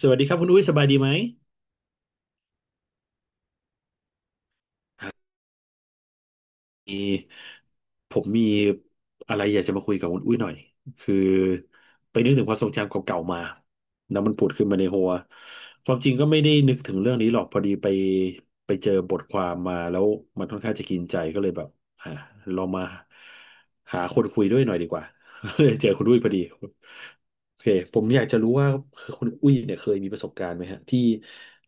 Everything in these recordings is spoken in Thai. สวัสดีครับคุณอุ้ยสบายดีไหมมีผมมีอะไรอยากจะมาคุยกับคุณอุ้ยหน่อยคือไปนึกถึงความทรงจำเก่าๆมาแล้วมันผุดขึ้นมาในหัวความจริงก็ไม่ได้นึกถึงเรื่องนี้หรอกพอดีไปเจอบทความมาแล้วมันค่อนข้างจะกินใจก็เลยแบบอ่าลองมาหาคนคุยด้วยหน่อยดีกว่า เลยเจอคุณอุ้ยพอดี โอเคผมอยากจะรู้ว่าคุณอุ้ยเนี่ยเคยมีประสบการณ์ไหมฮะที่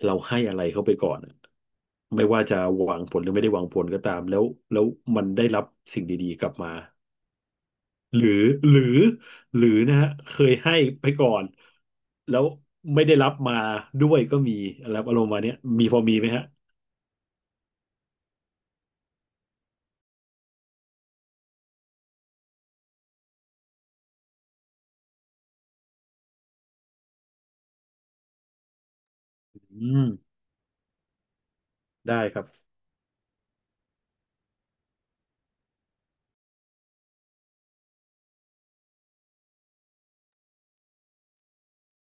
เราให้อะไรเขาไปก่อนอะไม่ว่าจะหวังผลหรือไม่ได้หวังผลก็ตามแล้วมันได้รับสิ่งดีๆกลับมาหรือหรือหรือนะฮะเคยให้ไปก่อนแล้วไม่ได้รับมาด้วยก็มีอะไรอารมณ์มาเนี้ยมีพอมีไหมฮะอืมได้ครับ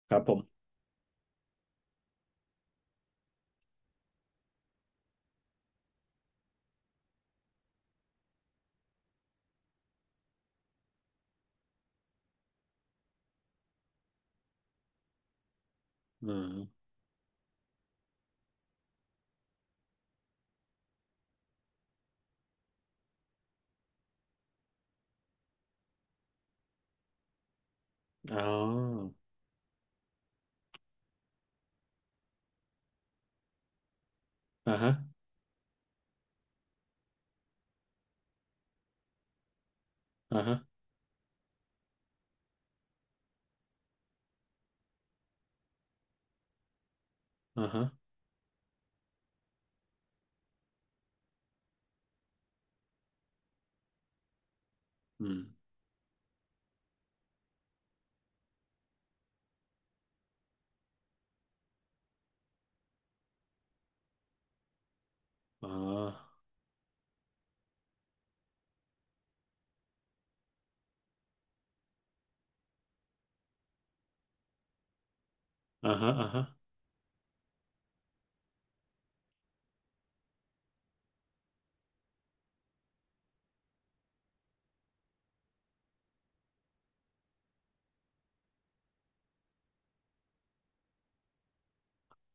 ครับผมอืมอ๋ออ่าฮะอ่าฮะอ่าฮะอืมอ๋ออ่าฮะอ่าฮะ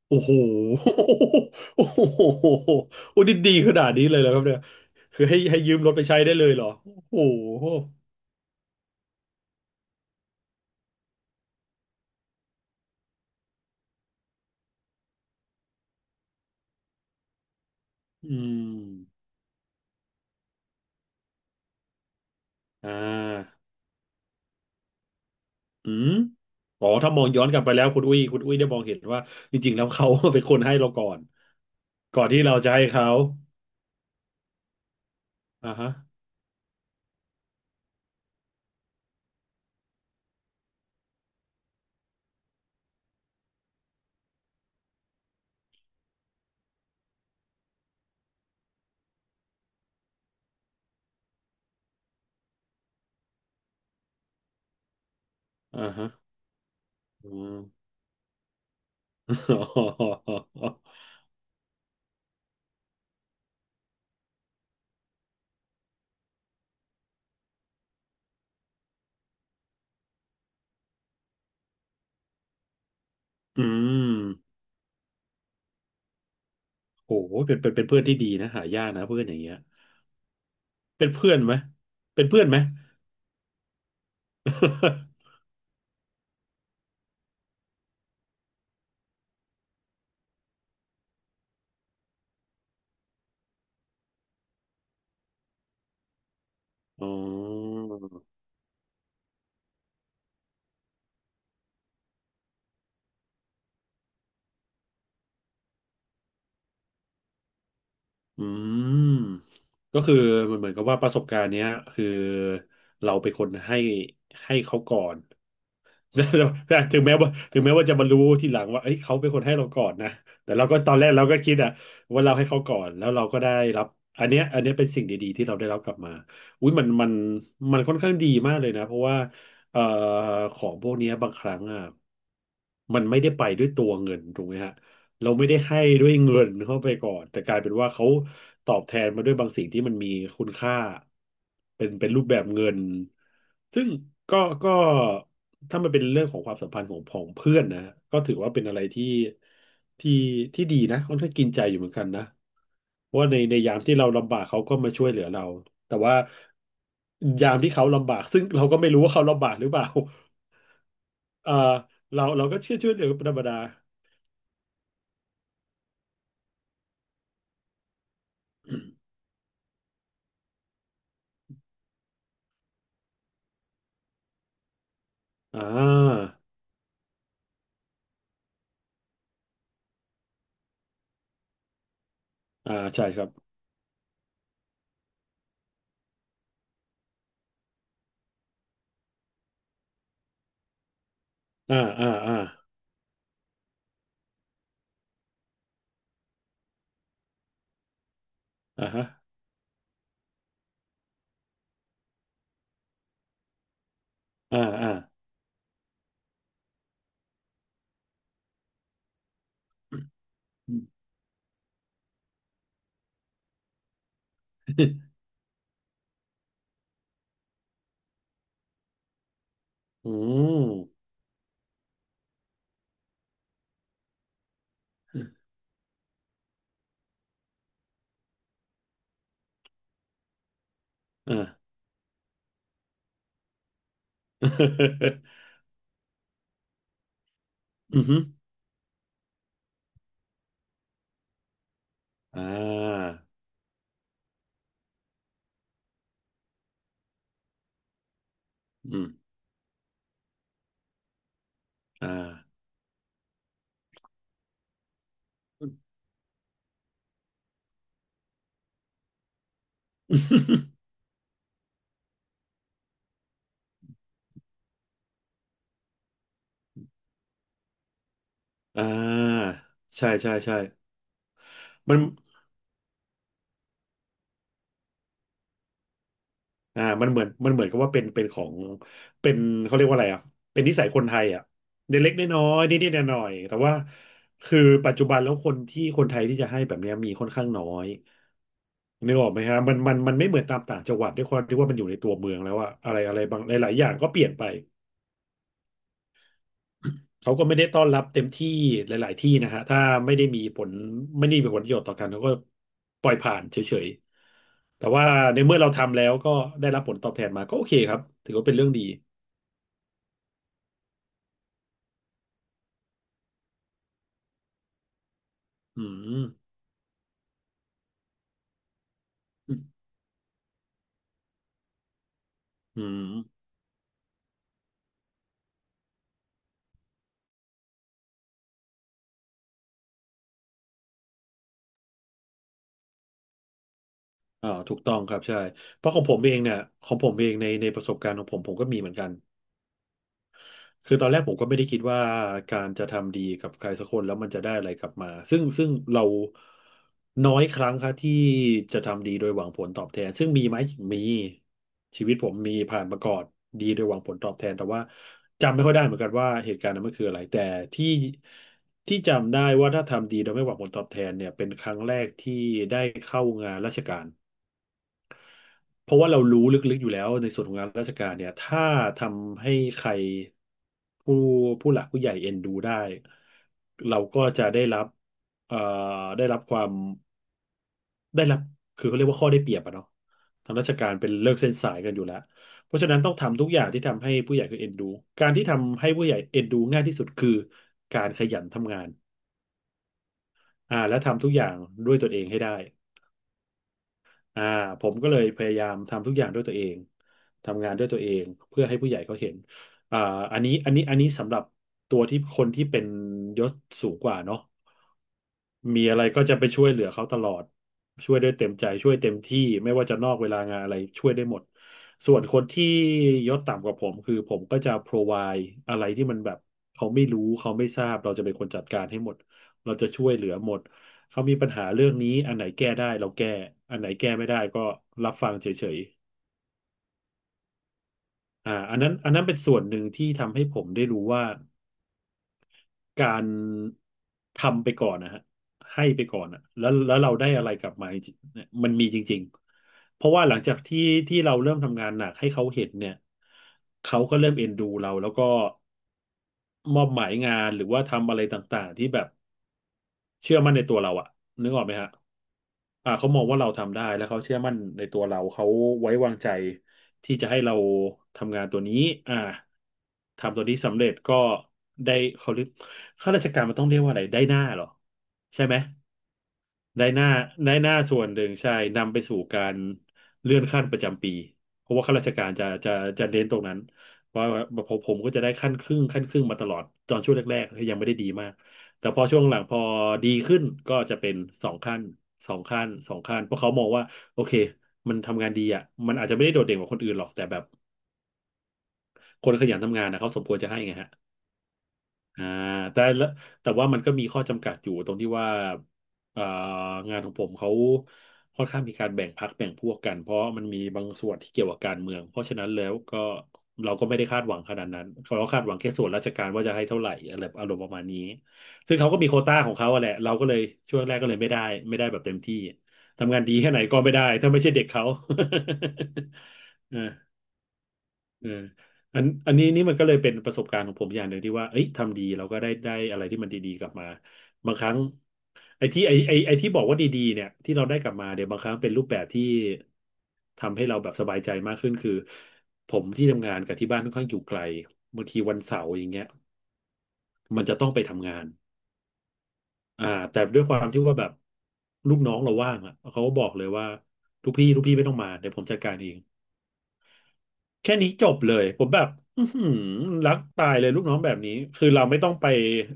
โอ้โหโอ้โหโอ้ดีดีขนาดนี้เลยเหรอครับเนี่ยคือให้ยืมรถไปใช้ได้เลยเหรอโอ้โหอืมอ่าอืมอ๋อถ้ามองย้อนกลับไปแล้วคุณอุ้ยได้มองเห็นว่าจริงๆแล้วเขา เป็นคนให้เราก่อนก่อนที่เราจะให้เขาอ่าฮะอ่าฮะอืม อืมโอ้โหเป็นเพื่อนที่ดีนะหายากนะเพื่อนอย่างเงี้ยเป็นเพื่อนไหมเป็นเพื่อนไหม อ๋ออืมก็คือมันเหมือนกับว่าประสบการณ์เนี้ยคือเราเป็นคนให้เขาก่อน ถึงแม้ว่าจะมารู้ทีหลังว่าเอ้ยเขาเป็นคนให้เราก่อนนะ แต่เราก็ตอนแรกเราก็คิดอะว่าเราให้เขาก่อนแล้วเราก็ได้รับอันเนี้ยเป็นสิ่งดีๆที่เราได้รับกลับมาอุ้ยมันค่อนข้างดีมากเลยนะเพราะว่าเอ่อของพวกเนี้ยบางครั้งอะมันไม่ได้ไปด้วยตัวเงินถูกไหมฮะเราไม่ได้ให้ด้วยเงินเข้าไปก่อนแต่กลายเป็นว่าเขาตอบแทนมาด้วยบางสิ่งที่มันมีคุณค่าเป็นรูปแบบเงิน ซึ่งก็ก็ถ้ามันเป็นเรื่องของความสัมพันธ์ของของเพื่อนนะก็ถือว่าเป็นอะไรที่ที่ดีนะค่อนข้างกินใจอยู่เหมือนกันนะเพราะว่าในยามที่เราลำบากเขาก็มาช่วยเหลือเราแต่ว่ายามที่เขาลำบากซึ่งเราก็ไม่รู้ว่าเขาลำบากหรือเปล่า เอ่อเราก็เชื่อช่วยเหลือเป็นธรรมดาอ่าอ่าใช่ครับอ่าอ่าอ่าอ่าฮะอ่าอ่าอืม อืมอ่า อือฮึ อ่าอืมอ่า อ่าใช่ใช่ใช่มันอ่ามันเหมือนกับว่าเป็นเป็นของเป็นเขาเรียกว่าอะไรอ่ะเป็นนิสัยคนไทยอ่ะเล็กๆน้อยๆนิดๆหน่อยๆแต่ว่าคือปัจจุบันแล้วคนที่คนไทยที่จะให้แบบเนี้ยมีค่อนข้างน้อยนึกออกไหมฮะมันไม่เหมือนตามต่างจังหวัดด้วยความที่ว่ามันอยู่ในตัวเมืองแล้วอะอะไรอะไรบางหลายๆอย่างก็เปลี่ยนไป เขาก็ไม่ได้ต้อนรับเต็มที่หลาย ๆ ที่นะฮะถ้าไม่ได้มีผลประโยชน์ต่อกันเขาก็ปล่อยผ่านเฉย ๆ แต่ว่าในเมื่อเราทำแล้วก็ได้รับผลตอบแทนมาก็โอเคครับถือว่าเป็นเรื่องดีอืมอืมอ่าถูกต้องครับใช่เพราะของผมเองเนี่ยของผมเองในในประสบการณ์ของผมผมก็มีเหมือนกัน คือตอนแรกผมก็ไม่ได้คิดว่าการจะทำดีกับใครสักคนแล้วมันจะได้อะไรกลับมาซึ่งเราน้อยครั้งครับที่จะทำดีโดยหวังผลตอบแทนซึ่งมีไหมมีชีวิตผมมีผ่านมาก่อนดีโดยหวังผลตอบแทนแต่ว่าจำไม่ค่อยได้เหมือนกันว่าเหตุการณ์นั้นมันคืออะไรแต่ที่ที่จำได้ว่าถ้าทำดีโดยไม่หวังผลตอบแทนเนี่ยเป็นครั้งแรกที่ได้เข้างานราชการ เพราะว่าเรารู้ลึกๆอยู่แล้วในส่วนของงานราชการเนี่ยถ้าทำให้ใครผู้ผู้หลักผู้ใหญ่เอ็นดูได้เราก็จะได้รับเอ่อได้รับความได้รับคือเขาเรียกว่าข้อได้เปรียบอะเนาะทางราชการเป็นเลิกเส้นสายกันอยู่แล้วเพราะฉะนั้นต้องทำทุกอย่างที่ทำให้ผู้ใหญ่คือเอ็นดูการที่ทำให้ผู้ใหญ่เอ็นดูง่ายที่สุดคือการขยันทำงานอ่าและทำทุกอย่างด้วยตนเองให้ได้ อ่าผมก็เลยพยายามทำทุกอย่างด้วยตัวเองทำงานด้วยตัวเองเพื่อให้ผู้ใหญ่เขาเห็นอ่าอันนี้สำหรับตัวที่คนที่เป็นยศสูงกว่าเนาะมีอะไรก็จะไปช่วยเหลือเขาตลอดช่วยด้วยเต็มใจช่วยเต็มที่ไม่ว่าจะนอกเวลางานอะไรช่วยได้หมดส่วนคนที่ยศต่ำกว่าผมคือผมก็จะ provide อะไรที่มันแบบเขาไม่รู้เขาไม่ทราบเราจะเป็นคนจัดการให้หมดเราจะช่วยเหลือหมด เขามีปัญหาเรื่องนี้อันไหนแก้ได้เราแก้อันไหนแก้ไม่ได้ก็รับฟังเฉยๆอันนั้นเป็นส่วนหนึ่งที่ทำให้ผมได้รู้ว่าการทำไปก่อนนะฮะให้ไปก่อนอะแล้วเราได้อะไรกลับมาจริงๆเนี่ยมันมีจริงๆเพราะว่าหลังจากที่เราเริ่มทำงานหนักให้เขาเห็นเนี่ยเขาก็เริ่มเอ็นดูเราแล้วก็มอบหมายงานหรือว่าทำอะไรต่างๆที่แบบเชื่อมั่นในตัวเราอะนึกออกไหมฮะ เขามองว่าเราทำได้แล้วเขาเชื่อมั่นในตัวเราเขาไว้วางใจที่จะให้เราทำงานตัวนี้อ่าทำตัวนี้สำเร็จก็ได้เขาเรียกข้าราชการมันต้องเรียกว่าอะไรได้หน้าเหรอใช่ไหมได้หน้าได้หน้าส่วนหนึ่งใช่นำไปสู่การเลื่อนขั้นประจำปีเพราะว่าข้าราชการจะเน้นตรงนั้นว่าผมก็จะได้ขั้นครึ่งขั้นครึ่งมาตลอดตอนช่วงแรกๆยังไม่ได้ดีมาก แต่พอช่วงหลังพอดีขึ้นก็จะเป็นสองขั้นสองขั้นเพราะเขามองว่าโอเคมันทำงานดีอ่ะมันอาจจะไม่ได้โดดเด่นกว่าคนอื่นหรอกแต่แบบคนขยันทำงานนะเขาสมควรจะให้ไงฮะ อ่าแต่ละแต่ว่ามันก็มีข้อจำกัดอยู่ตรงที่ว่าเอ่องานของผมเขาค่อนข้างมีการแบ่งพรรคแบ่งพวกกันเพราะมันมีบางส่วนที่เกี่ยวกับการเมืองเพราะฉะนั้นแล้วก็เราก็ไม่ได้คาดหวังขนาดนั้นเราคาดหวังแค่ส่วนราชการว่าจะให้เท่าไหร่อะไรอารมณ์ประมาณนี้ซึ่งเขาก็มีโควต้าของเขาอะแหละเราก็เลยช่วงแรกก็เลยไม่ได้แบบเต็มที่ทำงานดีแค่ไหนก็ไม่ได้ถ้าไม่ใช่เด็กเขา เอออันนี้นี่มันก็เลยเป็นประสบการณ์ของผมอย่างหนึ่งที่ว่าเอ้ยทำดีเราก็ได้ได้อะไรที่มันดีๆกลับมาบางครั้งไอ้ที่ไอ้ไอ้ไอ้ที่บอกว่าดีๆเนี่ยที่เราได้กลับมาเนี่ยบางครั้งเป็นรูปแบบที่ทำให้เราแบบสบายใจมากขึ้นคือผมที่ทำงานกับที่บ้านค่อนข้างอยู่ไกลบางทีวันเสาร์อย่างเงี้ยมันจะต้องไปทำงานอ่าแต่ด้วยความที่ว่าแบบลูกน้องเราว่างอ่ะเขาก็บอกเลยว่าลูกพี่ไม่ต้องมาเดี๋ยวผมจัดการเอง แค่นี้จบเลยผมแบบอือหือรักตายเลยลูกน้องแบบนี้คือเราไม่ต้องไป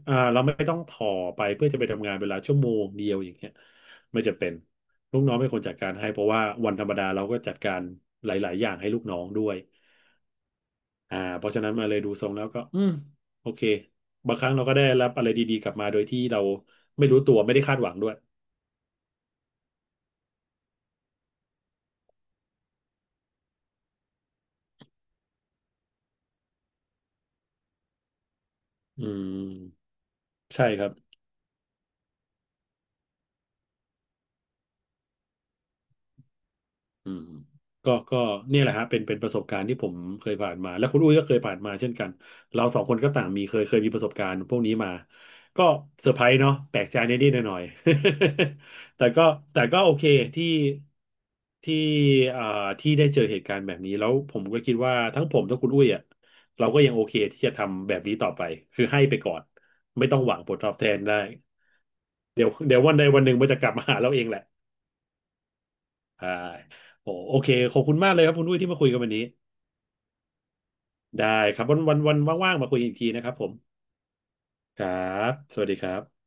เราไม่ต้องถ่อไปเพื่อจะไปทำงานเวลาชั่วโมงเดียวอย่างเงี้ยไม่จะเป็นลูกน้องเป็นคนจัดการให้เพราะว่าวันธรรมดาเราก็จัดการหลายๆอย่างให้ลูกน้องด้วยเพราะฉะนั้นมาเลยดูทรงแล้วก็อืมโอเคบางครั้งเราก็ได้รับอะไรดี ๆ กลับมาโดยที่เราไม่รู้ตัวไม่ได้คาดหวังด้วยอืมใช่ครับ อืมก็เนี่ยแหละฮะเป็นประสบการณ์ที่ผมเคยผ่านมาและคุณอุ้ยก็เคยผ่านมาเช่นกันเราสองคนก็ต่างมีเคยมีประสบการณ์พวกนี้มาก็เซอร์ไพรส์เนาะแปลกใจนิดๆหน่อยๆ แต่ก็โอเคที่ที่อ่าที่ได้เจอเหตุการณ์แบบนี้แล้วผมก็คิดว่าทั้งผมทั้งคุณอุ้ยอ่ะเราก็ยังโอเคที่จะทำแบบนี้ต่อไปคือให้ไปก่อนไม่ต้องหวังผลตอบแทนได้เดี๋ยววันใดวันหนึ่งมันจะกลับมาหาเราเองแหละ ใช่โอโอเคขอบคุณมากเลยครับคุณอุ้ยที่มาคุยกันวันนี้ได้ครับวันว่างๆมาคุยอีกทีนะครับผมครับสวัสดีครับ